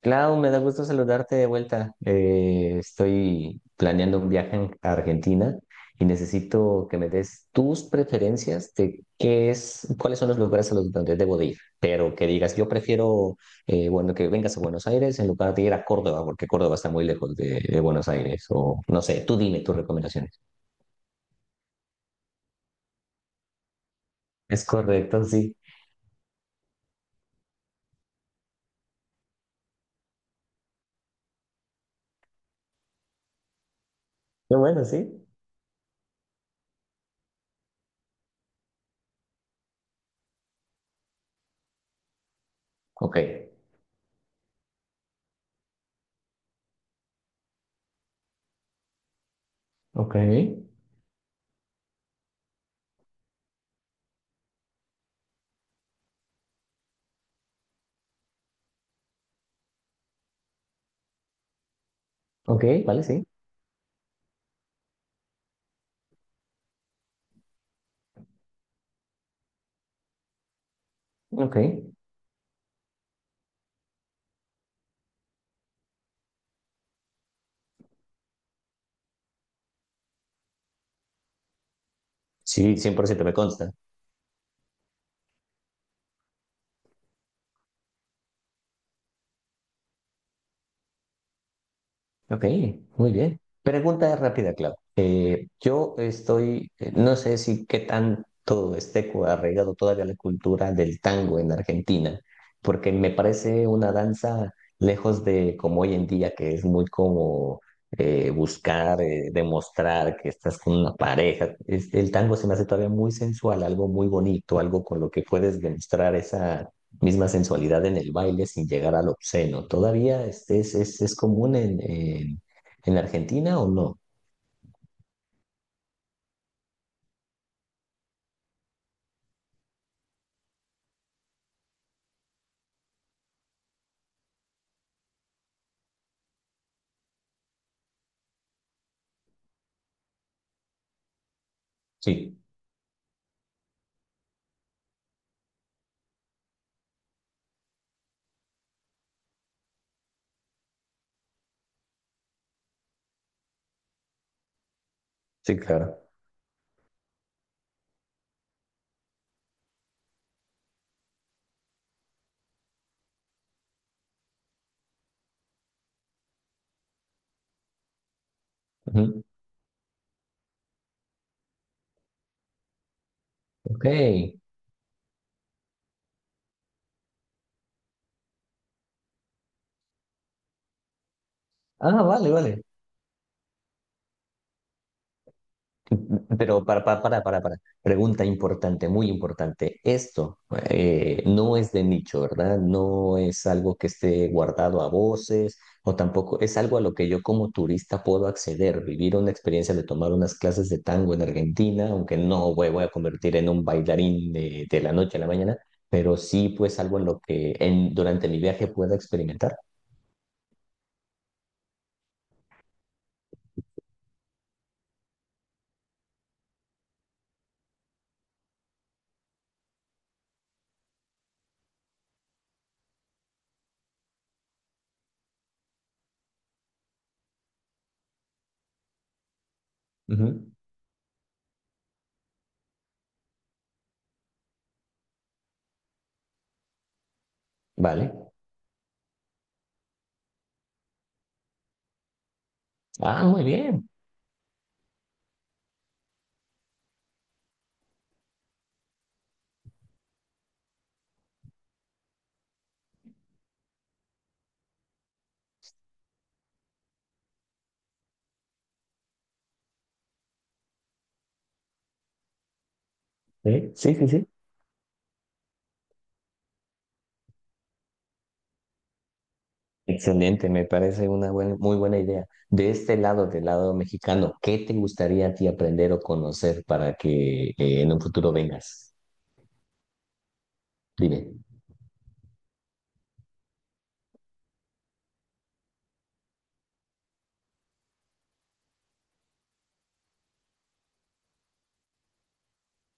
Clau, me da gusto saludarte de vuelta. Estoy planeando un viaje a Argentina y necesito que me des tus preferencias de cuáles son los lugares a los donde debo de ir. Pero que digas, yo prefiero, bueno, que vengas a Buenos Aires en lugar de ir a Córdoba, porque Córdoba está muy lejos de Buenos Aires. O no sé, tú dime tus recomendaciones. Es correcto, sí. Qué bueno, sí. Ok, ok, ok, vale, sí. Ok. Sí, 100% me consta. Ok, muy bien. Pregunta rápida, Clau. Yo estoy, no sé si qué tanto esté arraigado todavía la cultura del tango en Argentina, porque me parece una danza lejos de como hoy en día, que es muy como buscar, demostrar que estás con una pareja. El tango se me hace todavía muy sensual, algo muy bonito, algo con lo que puedes demostrar misma sensualidad en el baile sin llegar al obsceno. ¿Todavía es común en Argentina o no? Sí, sí, claro. Ujú. Ok. Ah, vale, vale. Pero para, para. Pregunta importante, muy importante. Esto no es de nicho, ¿verdad? No es algo que esté guardado a voces o tampoco es algo a lo que yo como turista puedo acceder, vivir una experiencia de tomar unas clases de tango en Argentina, aunque no voy, voy a convertir en un bailarín de la noche a la mañana, pero sí pues algo en lo que en, durante mi viaje pueda experimentar. Ujú. Vale. Ah, muy bien. ¿Eh? Sí, sí, sí. Excelente, me parece una buena, muy buena idea. De este lado, del lado mexicano, ¿qué te gustaría a ti aprender o conocer para que en un futuro vengas? Dime.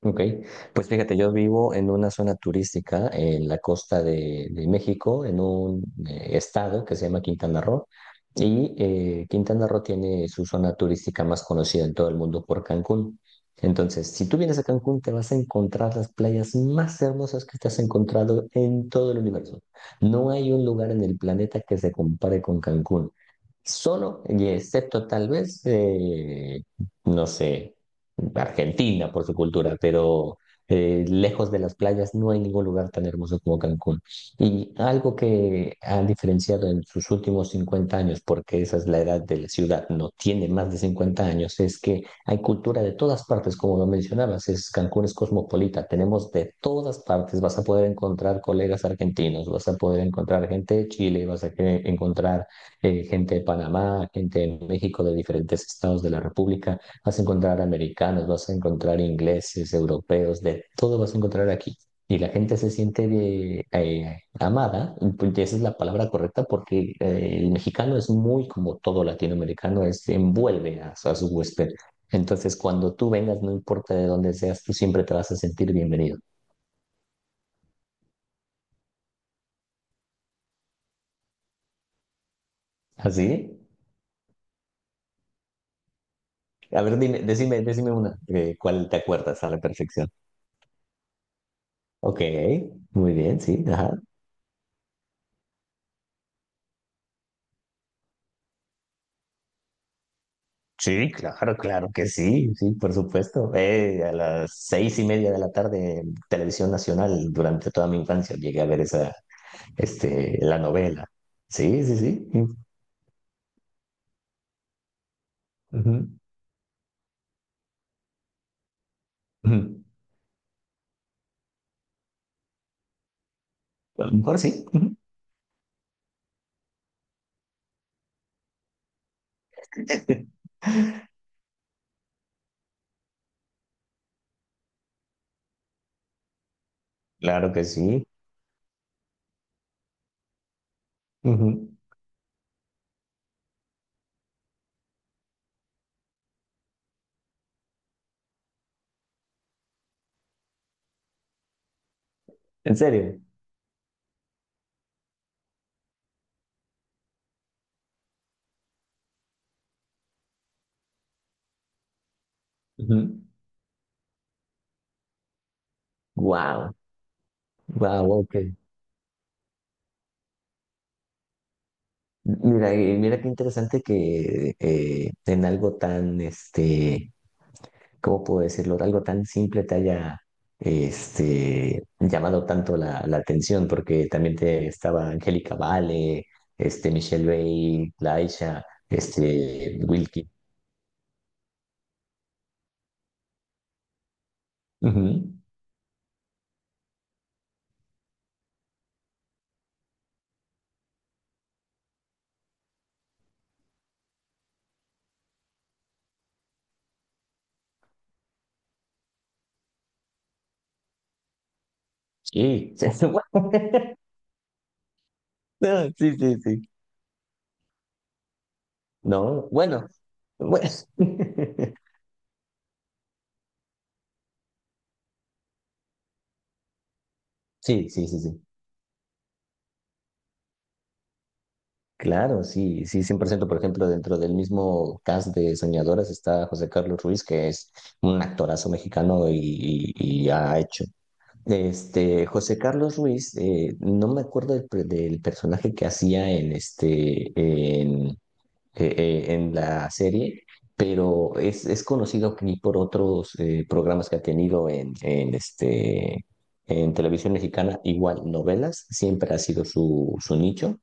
Ok, pues fíjate, yo vivo en una zona turística en la costa de México, en un estado que se llama Quintana Roo, y Quintana Roo tiene su zona turística más conocida en todo el mundo por Cancún. Entonces, si tú vienes a Cancún, te vas a encontrar las playas más hermosas que te has encontrado en todo el universo. No hay un lugar en el planeta que se compare con Cancún. Solo, y excepto tal vez, no sé. Argentina por su cultura, pero lejos de las playas no hay ningún lugar tan hermoso como Cancún. Y algo que ha diferenciado en sus últimos 50 años, porque esa es la edad de la ciudad, no tiene más de 50 años, es que hay cultura de todas partes, como lo mencionabas, es, Cancún es cosmopolita, tenemos de todas partes, vas a poder encontrar colegas argentinos, vas a poder encontrar gente de Chile, vas a encontrar gente de Panamá, gente de México, de diferentes estados de la República. Vas a encontrar americanos, vas a encontrar ingleses, europeos, de todo vas a encontrar aquí. Y la gente se siente amada, pues, esa es la palabra correcta, porque el mexicano es muy como todo latinoamericano, es, envuelve a su huésped. Entonces, cuando tú vengas, no importa de dónde seas, tú siempre te vas a sentir bienvenido. ¿Así? A ver, dime, decime, decime una, ¿cuál te acuerdas a la perfección? Ok, muy bien, sí, ajá. Sí, claro, claro que sí, sí, por supuesto. A las 6:30 de la tarde en Televisión Nacional, durante toda mi infancia, llegué a ver esa, la novela. Sí, sí, sí. Ujú, ujú. A lo mejor sí. Ujú. Claro que sí. Ujú. ¿En serio? Wow, wow, ok. Mira, y mira qué interesante que en algo tan, este, ¿cómo puedo decirlo? Algo tan simple te haya llamado tanto la atención, porque también te estaba Angélica Vale, Michelle Bay, Laisha, Wilkie. Ujú. Sí, sí, no, sí, sí, sí. No, bueno, bueno. Sí, sí, sí, sí. Claro, sí, sí, 100%. Por ciento. Por ejemplo, dentro del mismo cast de Soñadoras está José Carlos Ruiz, que es un actorazo mexicano y ha hecho José Carlos Ruiz, no me acuerdo del personaje que hacía en en la serie, pero es conocido aquí por otros programas que ha tenido en televisión mexicana, igual novelas, siempre ha sido su nicho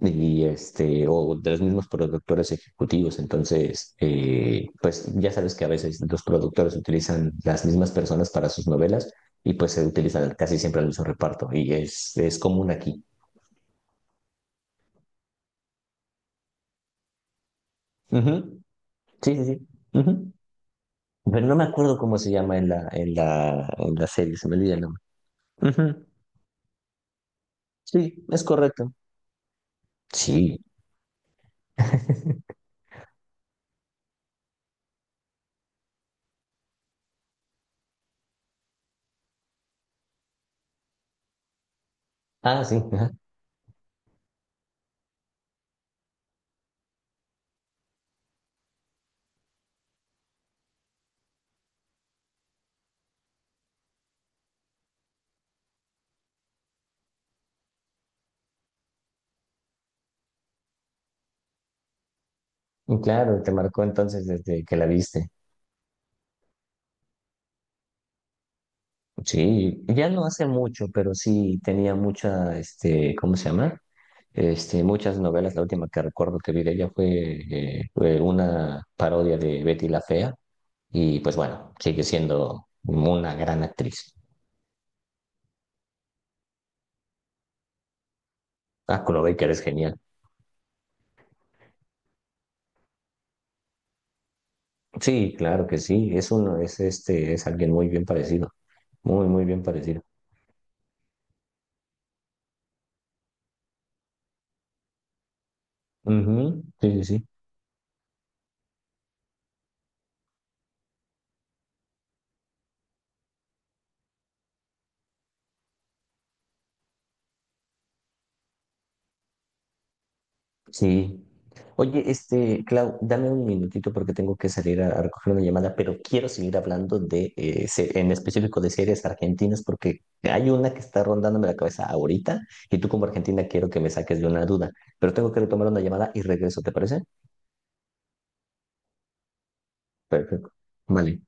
y este, o de los mismos productores ejecutivos. Entonces, pues ya sabes que a veces los productores utilizan las mismas personas para sus novelas y pues se utilizan casi siempre el mismo reparto y es común aquí. Ujú. Sí, sí, sí. Ujú. Pero no me acuerdo cómo se llama en la serie, se me olvida el nombre. Ujú. Sí, es correcto. Sí. Ah, sí, ajá. Claro, te marcó entonces desde que la viste. Sí, ya no hace mucho, pero sí tenía mucha, ¿cómo se llama? Muchas novelas. La última que recuerdo que vi de ella fue, fue una parodia de Betty la Fea. Y pues bueno, sigue siendo una gran actriz. Ah, Baker es genial. Sí, claro que sí. Es uno, es alguien muy bien parecido. Muy, muy bien parecido. Ujú, sí, sí, sí. Sí. Oye, Clau, dame un minutito porque tengo que salir a recoger una llamada, pero quiero seguir hablando de, en específico de series argentinas porque hay una que está rondándome la cabeza ahorita y tú como argentina quiero que me saques de una duda, pero tengo que retomar una llamada y regreso, ¿te parece? Perfecto. Vale.